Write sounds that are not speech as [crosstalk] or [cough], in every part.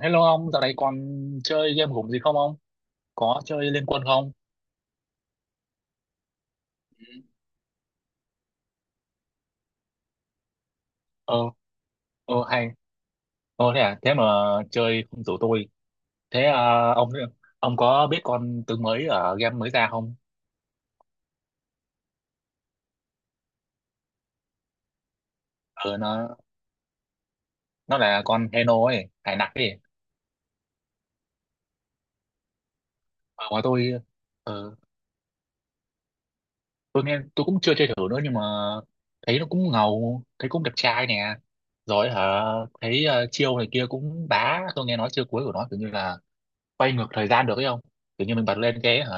Hello ông, dạo này còn chơi game gủng gì không ông? Có chơi Liên Quân không? Ừ. Ờ, hay. Ờ thế à, thế mà chơi không rủ tôi. Thế à, ông có biết con tướng mới ở game mới ra không? Ờ nó là con Heno ấy, hải nặc ấy. Ờ, mà tôi ờ, tôi nghe tôi cũng chưa chơi thử nữa nhưng mà thấy nó cũng ngầu, thấy cũng đẹp trai nè. Rồi hả, thấy chiêu này kia cũng bá, tôi nghe nói chiêu cuối của nó kiểu như là quay ngược thời gian được ấy không? Kiểu như mình bật lên cái hả?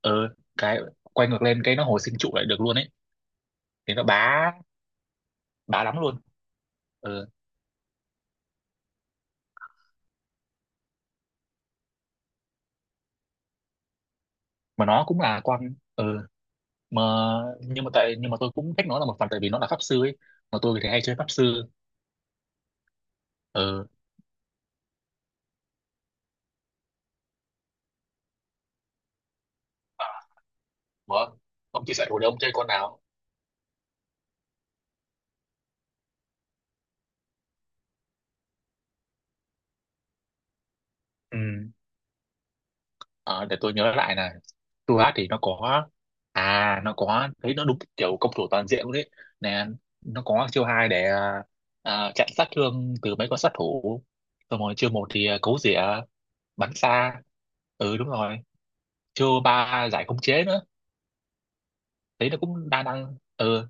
ờ cái quay ngược lên cái nó hồi sinh trụ lại được luôn ấy, thì nó bá bá lắm luôn. Ừ. Mà nó cũng là con ừ. mà nhưng mà tại nhưng mà tôi cũng thích nó là một phần tại vì nó là pháp sư ấy, mà tôi thì hay chơi pháp sư. Ừ. Ờ. Ủa, ông chia sẻ hồi đấy ông chơi con nào? Ừ. Ờ, để tôi nhớ lại nè. Tôi hát thì nó có, à nó có, thấy nó đúng kiểu công thủ toàn diện luôn đấy nè. Nó có chiêu hai để chặn sát thương từ mấy con sát thủ, xong rồi chiêu một thì cấu rỉa, bắn xa. Ừ đúng rồi, chiêu ba giải khống chế nữa, thấy nó cũng đa năng. Ừ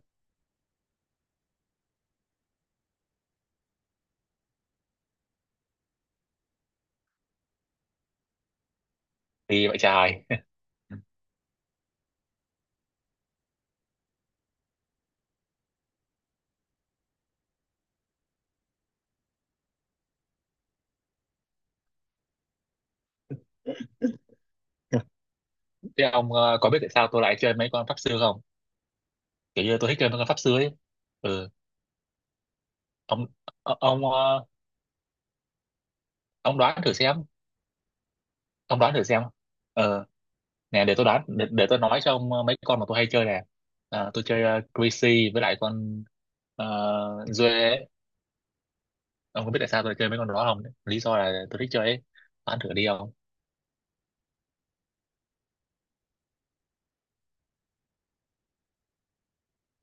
thì vậy trời. [laughs] Thế ông có biết tại sao tôi lại chơi mấy con pháp sư không? Kiểu như tôi thích chơi mấy con pháp sư ấy. Ừ. ông ờ, ông ờ, ông đoán thử xem. Ông đoán thử xem. Ờ nè, để tôi đoán, để tôi nói cho ông mấy con mà tôi hay chơi nè. À, tôi chơi Greasy với lại con Duê ấy. Ông có biết tại sao tôi lại chơi mấy con đó không? Lý do là tôi thích chơi ấy. Đoán thử đi ông.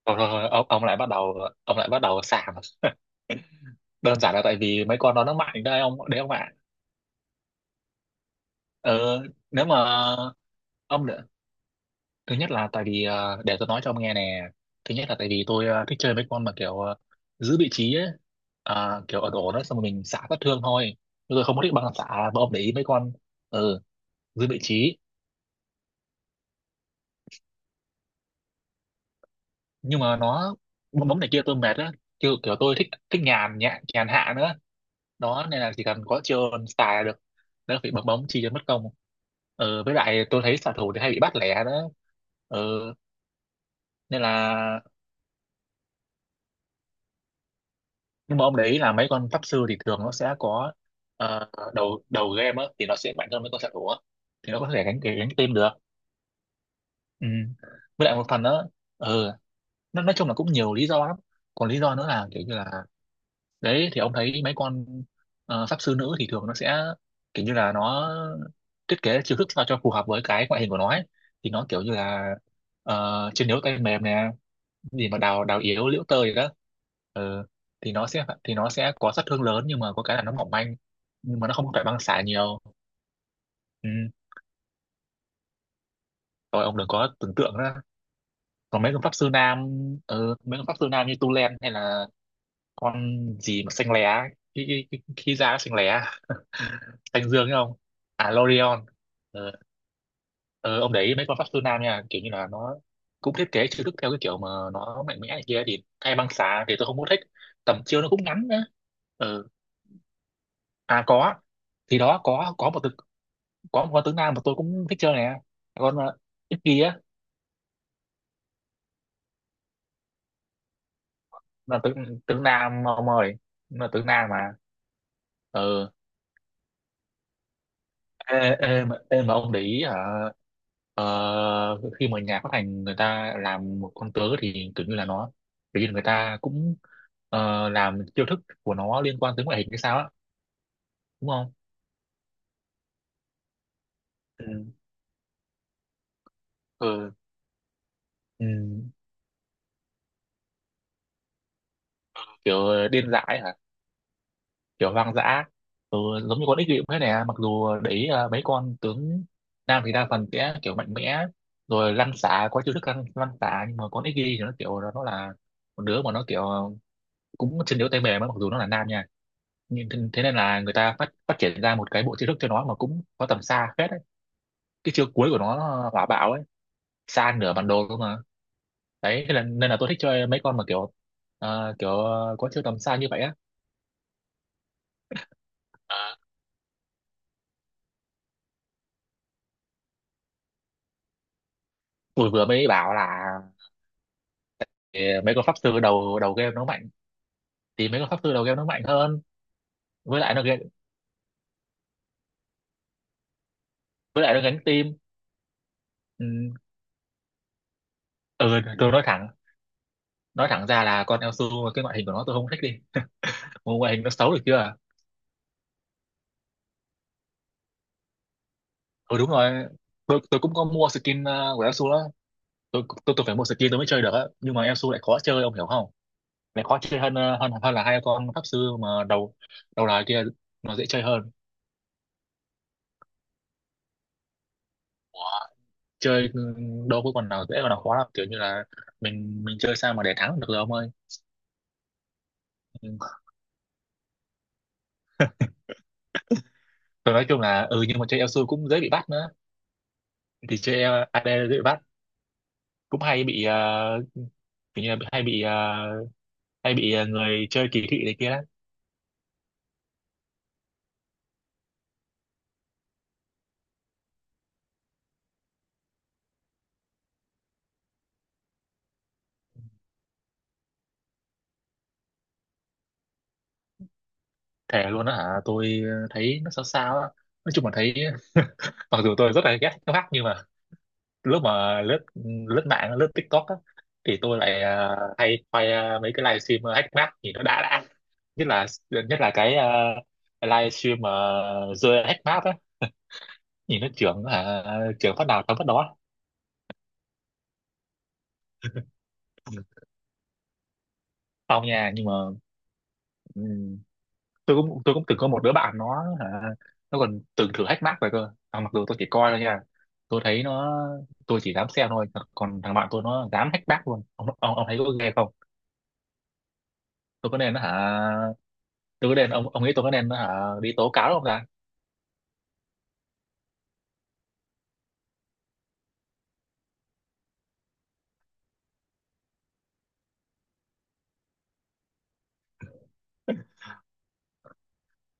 Thôi, thôi, thôi, ông lại bắt đầu. Ông lại bắt đầu sảng. [laughs] Đơn giản là tại vì mấy con đó nó mạnh đấy ông, đấy ông ạ. Ờ, nếu mà ông Thứ nhất là tại vì để tôi nói cho ông nghe nè. Thứ nhất là tại vì tôi thích chơi mấy con mà kiểu giữ vị trí ấy. Kiểu ở đổ đó xong rồi mình xả sát thương thôi. Chứ tôi không có thích băng xả, mà ông để ý mấy con. Ừ, giữ vị trí. Nhưng mà nó bóng bóng này kia tôi mệt á. Kiểu tôi thích thích nhàn nhẹ nhàn hạ nữa, đó nên là chỉ cần có chiêu xài là được, đỡ phải bấm bóng chi cho mất công. Ừ, với lại tôi thấy xạ thủ thì hay bị bắt lẻ đó. Ừ, nên là nhưng mà ông đấy, là mấy con pháp sư thì thường nó sẽ có đầu đầu game á thì nó sẽ mạnh hơn mấy con xạ thủ á, thì nó có thể gánh gánh team được. Ừ. Với lại một phần nữa. Ừ, nó nói chung là cũng nhiều lý do lắm. Còn lý do nữa là kiểu như là đấy thì ông thấy mấy con pháp sư nữ thì thường nó sẽ kiểu như là nó thiết kế chiêu thức sao cho phù hợp với cái ngoại hình của nó ấy. Thì nó kiểu như là chiến đấu tay mềm nè, gì mà đào đào yếu liễu tơi đó. Ừ. thì nó sẽ có sát thương lớn nhưng mà có cái là nó mỏng manh, nhưng mà nó không có phải băng xả nhiều. Ừ. Rồi ông đừng có tưởng tượng đó. Còn mấy con pháp sư nam. Ừ, mấy con pháp sư nam như tu len hay là con gì mà xanh lé, cái cái cái, cái da nó xanh lé. [laughs] Xanh dương ấy không? À Lorion. Ừ. Ừ, ông để ý mấy con pháp sư nam nha kiểu như là nó cũng thiết kế chiêu thức theo cái kiểu mà nó mạnh mẽ này kia thì hay băng xả, thì tôi không có thích. Tầm chiêu nó cũng ngắn nữa. Ừ. À có, thì đó có một tướng, có một con tướng nam mà tôi cũng thích chơi nè. Con ít kia á, là tướng tướng nam mà ông ơi. Là tướng nam mà. Ừ. Ê mà ông để ý hả? Ờ, khi mà nhà phát hành người ta làm một con tướng thì kiểu như là nó, kiểu như là người ta cũng làm chiêu thức của nó liên quan tới ngoại hình hay sao á, đúng không? Ừ. Ừ. Ừ, kiểu điên dại hả? Kiểu hoang dã. Ừ, giống như con ích bịu thế này à. Mặc dù đấy, à mấy con tướng nam thì đa phần sẽ kiểu mạnh mẽ, rồi lăn xả có chiêu thức lăn xả nhưng mà con ích thì nó kiểu nó là một đứa mà nó kiểu cũng chân yếu tay mềm á, mặc dù nó là nam nha. Nhưng thế thế nên là người ta phát phát triển ra một cái bộ chiêu thức cho nó mà cũng có tầm xa phết ấy. Cái chiêu cuối của nó hỏa bạo ấy, xa nửa bản đồ cơ mà. Đấy thế là, nên là tôi thích chơi mấy con mà kiểu kiểu có chiêu tầm xa như vậy á. Ờ, tôi vừa mới bảo là thì mấy con pháp sư đầu đầu game nó mạnh, thì mấy con pháp sư đầu game nó mạnh hơn. với lại nó gánh- với lại nó gánh team. Ừ, ừ tôi nói thẳng ra là con Elsu cái ngoại hình của nó tôi không thích đi. Một ngoại hình nó xấu được chưa? Ừ đúng rồi. Tôi cũng có mua skin của Elsu đó. Tôi phải mua skin tôi mới chơi được á, nhưng mà Elsu lại khó chơi ông hiểu không? Lại khó chơi hơn ờ, hơn hơn là hai con pháp sư mà đầu đầu là kia. Nó dễ chơi hơn. Chơi đâu có còn nào dễ còn nào khó lắm, kiểu như là mình chơi sao mà để thắng được rồi ông ơi. Ừ. Rồi nói chung là ừ, nhưng mà chơi Elsu cũng dễ bị bắt nữa. Thì chơi AD dễ bị bắt, cũng hay bị kiểu như là người chơi kỳ thị này kia lắm. Thề luôn đó hả? Tôi thấy nó sao sao á. Nói chung là thấy, mặc dù tôi rất là ghét nó hack nhưng mà lúc mà lướt lướt mạng, lướt TikTok á thì tôi lại hay quay mấy cái livestream hack map thì nó đã đã. Nhất là cái livestream mà rơi hack map á, nhìn nó trưởng hả? Trưởng phát nào thắng phát đó. Xong nha, nhưng mà. Ừ. Tôi cũng từng có một đứa bạn nó hả, nó còn từng thử hack Mac rồi cơ à. Mặc dù tôi chỉ coi thôi nha, tôi thấy nó tôi chỉ dám xem thôi. Còn thằng bạn tôi nó dám hack Mac luôn. Ông thấy có ghê không? Tôi có nên nó hả tôi có nên Ông nghĩ tôi có nên nó hả, đi tố cáo không ta?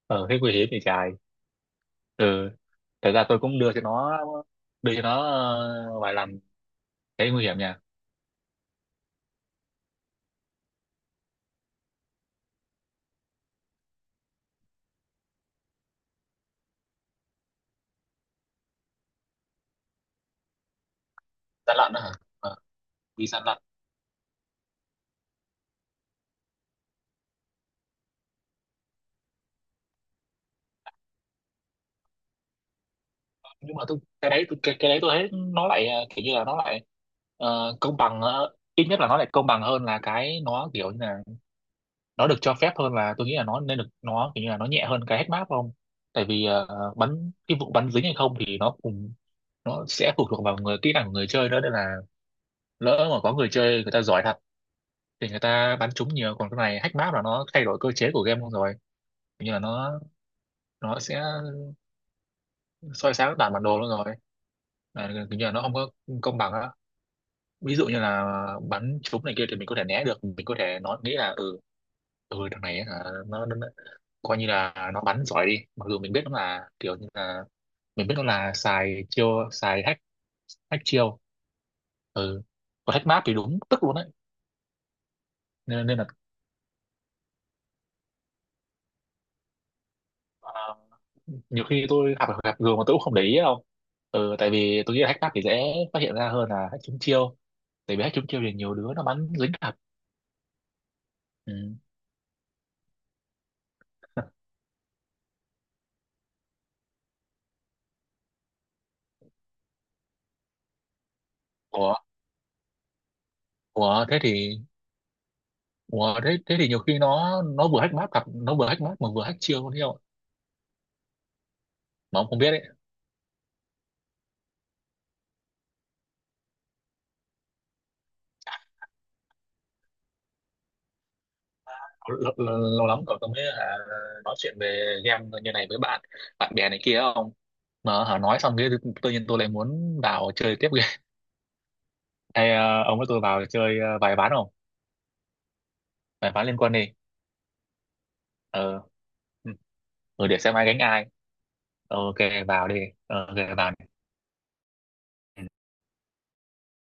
Ờ thế nguy hiểm thì trời. Ừ, thật ra tôi cũng đưa cho nó, vài lần, thấy nguy hiểm nha. Gian lận đó hả? ờ, đi gian lận. Nhưng mà tôi cái đấy tôi thấy nó lại kiểu như là nó lại công bằng, ít nhất là nó lại công bằng hơn là cái nó kiểu như là nó được cho phép hơn, là tôi nghĩ là nó nên được, nó kiểu như là nó nhẹ hơn cái head map không? Tại vì bắn cái vụ bắn dính hay không thì nó cùng, nó sẽ phụ thuộc vào người kỹ năng của người chơi nữa, nên là lỡ mà có người chơi người ta giỏi thật thì người ta bắn trúng nhiều. Còn cái này hack map là nó thay đổi cơ chế của game luôn rồi, kiểu như là nó sẽ soi sáng toàn bản đồ luôn rồi. Là kiểu như là nó không có công bằng á. Ví dụ như là bắn trúng này kia thì mình có thể né được, mình có thể nghĩ là ừ, ừ thằng này ấy hả, nó coi như là nó bắn giỏi đi, mặc dù mình biết nó là kiểu như là mình biết nó là xài chiêu, xài hack, hack chiêu. Ừ, còn hack map thì đúng tức luôn đấy. Nên là à, nhiều khi tôi gặp gặp gường mà tôi cũng không để ý đâu. Ừ, tại vì tôi nghĩ là hack map thì dễ phát hiện ra hơn là hack trúng chiêu, tại vì hack trúng chiêu thì nhiều đứa nó bắn dính thật. Ừ. [laughs] Ủa, ủa thế thì. Ủa, thế thì nhiều khi nó vừa hack map mà vừa hack chiêu luôn, hiểu không? Mà ông không biết đấy. Lâu, lâu, lâu lắm rồi tôi mới hả nói chuyện về game như này với bạn bạn bè này kia không. Mà hả nói xong cái tự nhiên tôi lại muốn vào chơi tiếp game. Hay ông với tôi vào chơi vài ván không? Vài ván liên quân đi. Ờ. Ừ. Ừ, để xem ai gánh ai. Ờ, ok vào đi. Ờ, ok vào đi.